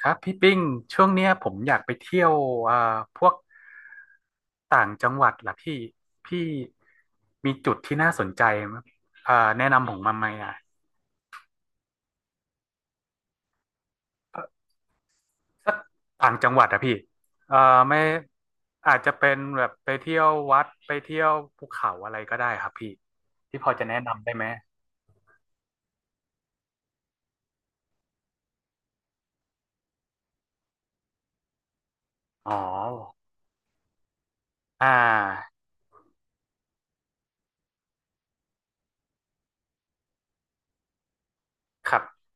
ครับพี่ปิ้งช่วงเนี้ยผมอยากไปเที่ยวอ่าพวกต่างจังหวัดล่ะพี่พี่มีจุดที่น่าสนใจมั้ยแนะนำผมมาไหมอ่ะเอ่อสักต่างจังหวัดอะพี่เอ่อไม่อาจจะเป็นแบบไปเที่ยววัดไปเที่ยวภูเขาอะไรก็ได้ครับพี่ที่พอจะแนะนำได้ไหมอ๋ออ่าครับ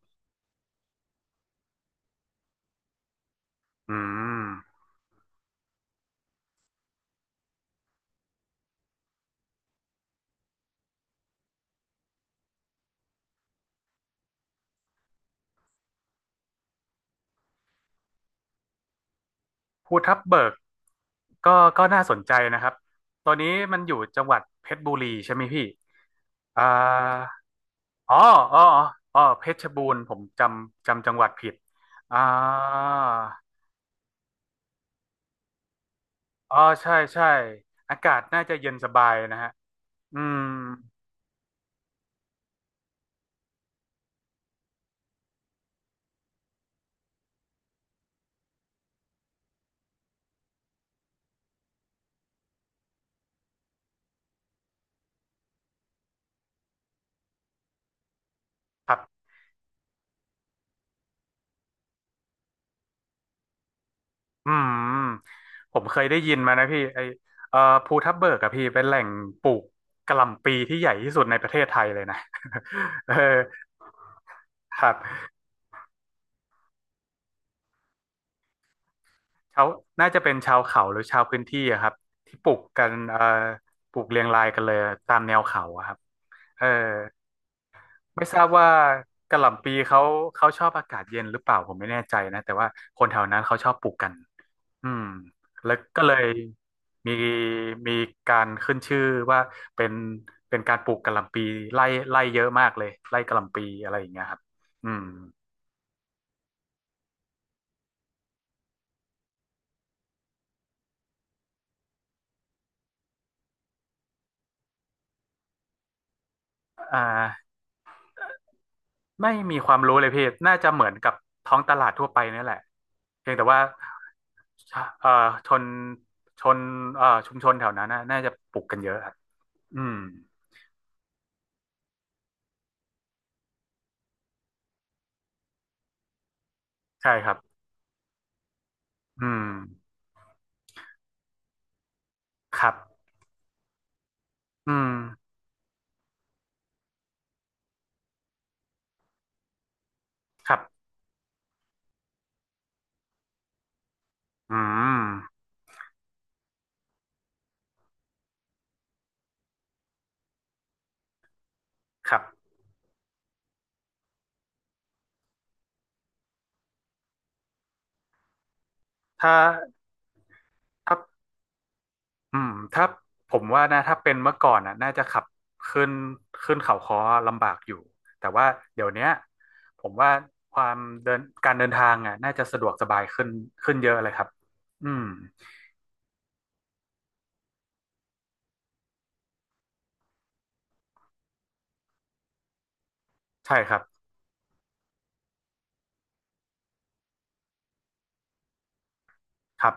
อืมภูทับเบิกก็ก็น่าสนใจนะครับตอนนี้มันอยู่จังหวัดเพชรบุรีใช่ไหมพี่ อ่าอ๋ออ๋ออ๋ออ๋อ เพชรบูรณ์ผมจำจังหวัดผิดอ่าอ๋อใช่ใช่อากาศน่าจะเย็นสบายนะฮะอืมครับอืมผมเคยได้ยินมานะพี่ไอเอ่อภูทับเบิกอะพี่เป็นแหล่งปลูกกะหล่ำปีที่ใหญ่ที่สุดในประเทศไทยเลยนะ เออครับเขาน่าจะเป็นชาวเขาหรือชาวพื้นที่อะครับ ที่ปลูกกันปลูกเรียงรายกันเลยตามแนวเขาอะครับเออ ไม่ทราบว่ากะหล่ำปีเขาชอบอากาศเย็นหรือเปล่าผมไม่แน่ใจนะแต่ว่าคนแถวนั้นเขาชอบปลูกกันอืมแล้วก็เลยมีมีการขึ้นชื่อว่าเป็นเป็นการปลูกกะหล่ำปีไล่ไล่เยอะมากเลยไล่กะหล่ำปีอะไรอย่างเงี้ยครับอืมอ่าไม่มีความรู้เลยพี่น่าจะเหมือนกับท้องตลาดทั่วไปนี่แหละเพียงแต่ว่าชะเอ่อชนชนเอ่อชุมชนแถวนั้นน่ะน่าจะปลูกกันเยอะครับอืมใช่ครับ อืมครับอืมครับอืมครับถ้าถ้าอืมถ้าผมว่านะถ้าเป็นเมื่อก่อนอ่ะน่าจะขับขึ้นขึ้นเขาค้อลำบากอยู่ แต่ว่าเดี๋ยวเนี้ยผมว่าความเดินการเดินทางอ่ะน่าจะสะดวกสบายขึ้นขึ้นเยอะเลยครับอืมใช่ครับครับ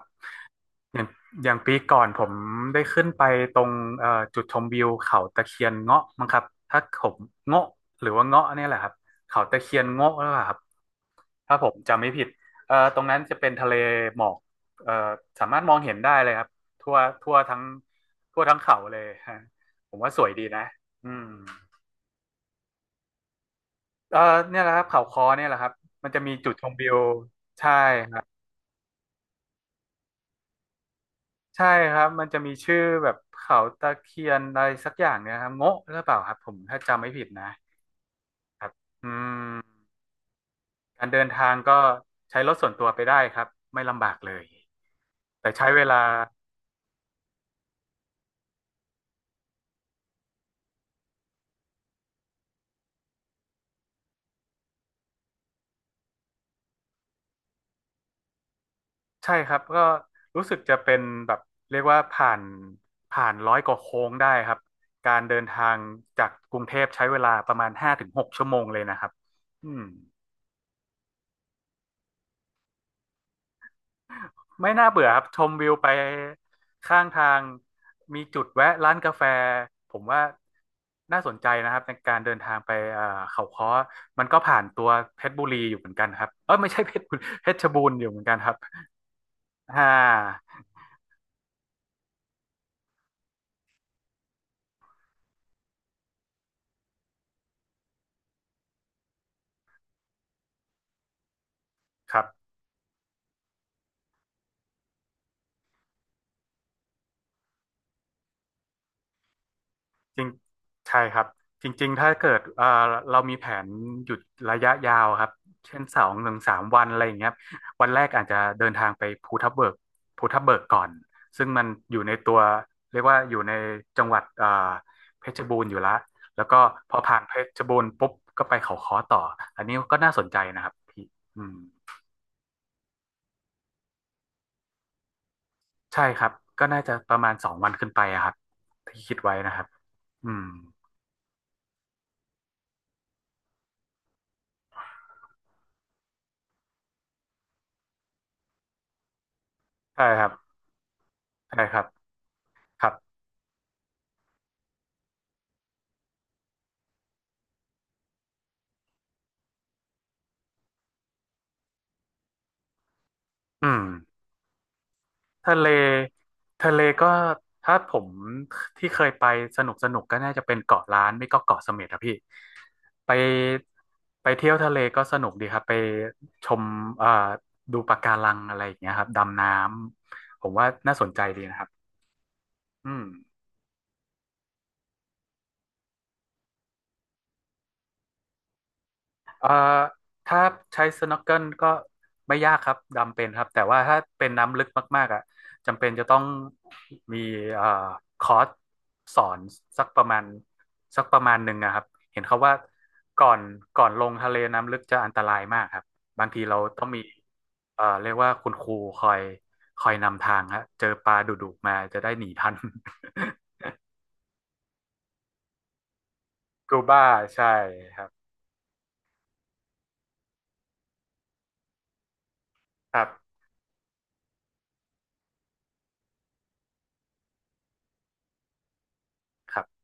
อย่างอย่างปีก่อนผมได้ขึ้นไปตรงจุดชมวิวเขาตะเคียนเงาะมั้งครับถ้าผมเงาะหรือว่าเงาะเนี่ยแหละครับเขาตะเคียนเงาะหล่าครับถ้าผมจำไม่ผิดตรงนั้นจะเป็นทะเลหมอกเอ่อสามารถมองเห็นได้เลยครับทั่วทั่วทั้งทั่วทั้งเขาเลย ฮะผมว่าสวยดีนะอืมเอ่อเนี่ยแหละครับเขาคอเนี่ยแหละครับมันจะมีจุดชมวิวใช่ครับ ใช่ครับ มันจะมีชื่อแบบเขาตะเคียนอะไรสักอย่างเนี่ยครับโงะหรือเปล่าครับผมถ้าจำไม่ผิดนะครับอืมการเดินทางก็ใช้รถส่วนตัวไปได้ครับไม่ลำบากเลยแต่ใช้เวลาใช่ครับก็รู้สึกจะเป็นแบบเรียกว่าผ่าน100 กว่าโค้งได้ครับการเดินทางจากกรุงเทพใช้เวลาประมาณ5 ถึง 6 ชั่วโมงเลยนะครับอืม ไม่น่าเบื่อครับชมวิวไปข้างทางมีจุดแวะร้านกาแฟผมว่าน่าสนใจนะครับในการเดินทางไปเขาค้อมันก็ผ่านตัวเพชรบุรีอยู่เหมือนกันครับเออไม่ใช่เพชรบุรีเพชรบูรณ์อยู่เหมือนกันครับอ่าครับ จริงใช่ครับจริงๆถ้าเกิดเรามีแผนหยุดระยะยาวครับเช่น2 ถึง 3 วันอะไรอย่างเงี้ยครับวันแรกอาจจะเดินทางไปภูทับเบิกก่อนซึ่งมันอยู่ในตัวเรียกว่าอยู่ในจังหวัดเพชรบูรณ์อยู่ละแล้วก็พอผ่านเพชรบูรณ์ปุ๊บก็ไปเขาค้อต่ออันนี้ก็น่าสนใจนะครับพี่อืมใช่ครับก็น่าจะประมาณ2 วันขึ้นไปอะครับที่คิดไว้นะครับอืมใช่ครับใช่ครับครับอืม ทะเลทะเลก็ถ้าผมที่เคยไปสนุกสนุกก็น่าจะเป็นเกาะล้านไม่ก็เกาะเสม็ดอะพี่ไปไปเที่ยวทะเลก็สนุกดีครับไปชมเอ่อดูปะการังอะไรอย่างเงี้ยครับดำน้ำผมว่าน่าสนใจดีนะครับอืม เอ่อถ้าใช้ snorkel ก็ไม่ยากครับดำเป็นครับแต่ว่าถ้าเป็นน้ำลึกมากๆอ่ะจำเป็นจะต้องมีเอ่อคอร์สสอนสักประมาณสักประมาณหนึ่งนะครับเห็นเขาว่าก่อนก่อนลงทะเลน้ำลึกจะอันตรายมากครับบางทีเราต้องมีเรียกว่าคุณครูคอยคอยนำทางฮะเจอปลาดุๆมาจะได้หนีทัน กูบ้าใช่ครับครับครับ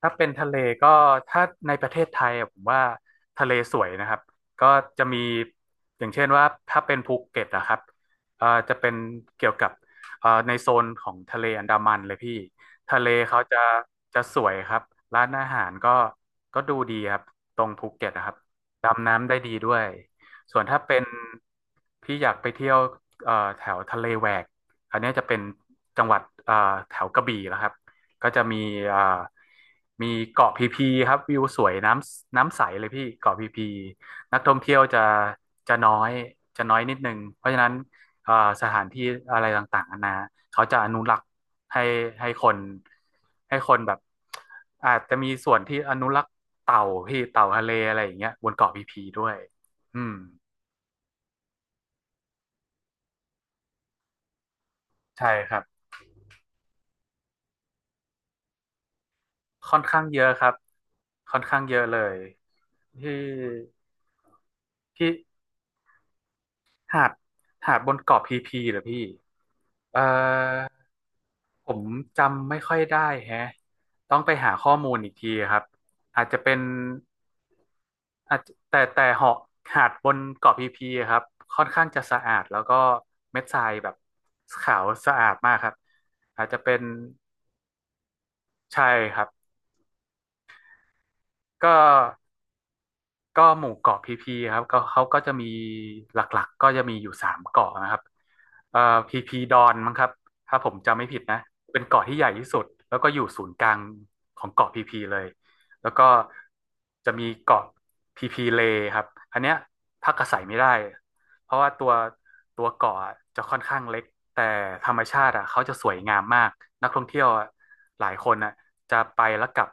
ถ้าเป็นทะเลก็ถ้าในประเทศไทยอะผมว่าทะเลสวยนะครับก็จะมีอย่างเช่นว่าถ้าเป็นภูเก็ตนะครับจะเป็นเกี่ยวกับในโซนของทะเลอันดามันเลยพี่ทะเลเขาจะสวยครับร้านอาหารก็ดูดีครับตรงภูเก็ตนะครับดำน้ำได้ดีด้วยส่วนถ้าเป็นพี่อยากไปเที่ยวแถวทะเลแหวกอันเนี้ยจะเป็นจังหวัดแถวกระบี่แล้วครับ ก็จะมีอ่ามีเกาะพีพีครับวิวสวยน้ำใสเลยพี่เกาะพีพีนักท่องเที่ยวจะจะน้อยจะน้อยนิดนึงเพราะฉะนั้นอ่าสถานที่อะไรต่างๆนานาเขาจะอนุรักษ์ให้ให้คนให้คนแบบอาจจะมีส่วนที่อนุรักษ์เต่าพี่เต่าทะเลอะไรอย่างเงี้ยบนเกาะพีพีด้วยอืมใช่ครับค่อนข้างเยอะครับค่อนข้างเยอะเลยที่ที่หาดบนเกาะพีพีเหรอพี่ เอ่อผมจำไม่ค่อยได้แฮะต้องไปหาข้อมูลอีกทีครับอาจจะเป็นอาจแต่เหาะหาดบนเกาะพีพีครับค่อนข้างจะสะอาดแล้วก็เม็ดทรายแบบขาวสะอาดมากครับอาจจะเป็นใช่ครับก็ หมู่เกาะพีพีครับก็เขาก็จะมีหลักๆก็จะมีอยู่สามเกาะนะครับเอ่อพีพีดอนมั้งครับถ้าผมจำไม่ผิดนะเป็นเกาะที่ใหญ่ที่สุดแล้วก็อยู่ศูนย์กลางของเกาะพีพีเลยแล้วก็จะมีเกาะพีพีเลครับอันเนี้ยพักอาศัยไม่ได้เพราะว่าตัวเกาะจะค่อนข้างเล็กแต่ธรรมชาติอ่ะเขาจะสวยงามมากนักท่องเที่ยวอะหลายคนอ่ะจะไปแล้วกลับ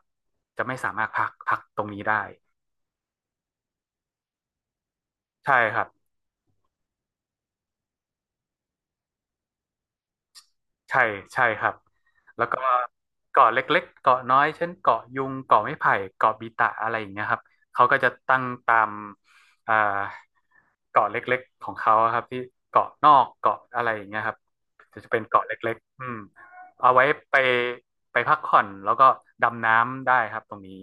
จะไม่สามารถพักตรงนี้ได้ใช่ครับ ใช่ใช่ครับแล้วก็เกาะเล็กๆเกาะน้อยเช่นเกาะยุงเกาะไม้ไผ่เกาะบีตะอะไรอย่างเงี้ยครับเขาก็จะตั้งตามอ่าเกาะเล็กๆของเขาอะครับที่เกาะนอกเกาะอะไรอย่างเงี้ยครับจะเป็นเกาะเล็กๆอืมเอาไว้ไปพักผ่อนแล้วก็ดำน้ำได้ครับตรงนี้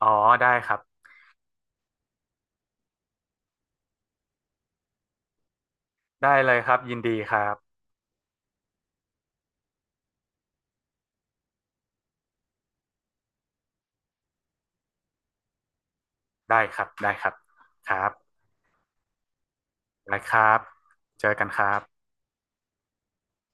อ๋อได้ครับได้เลยครับยินดีครับได้ครับได้ครับครับได้ครับเจอกันครับ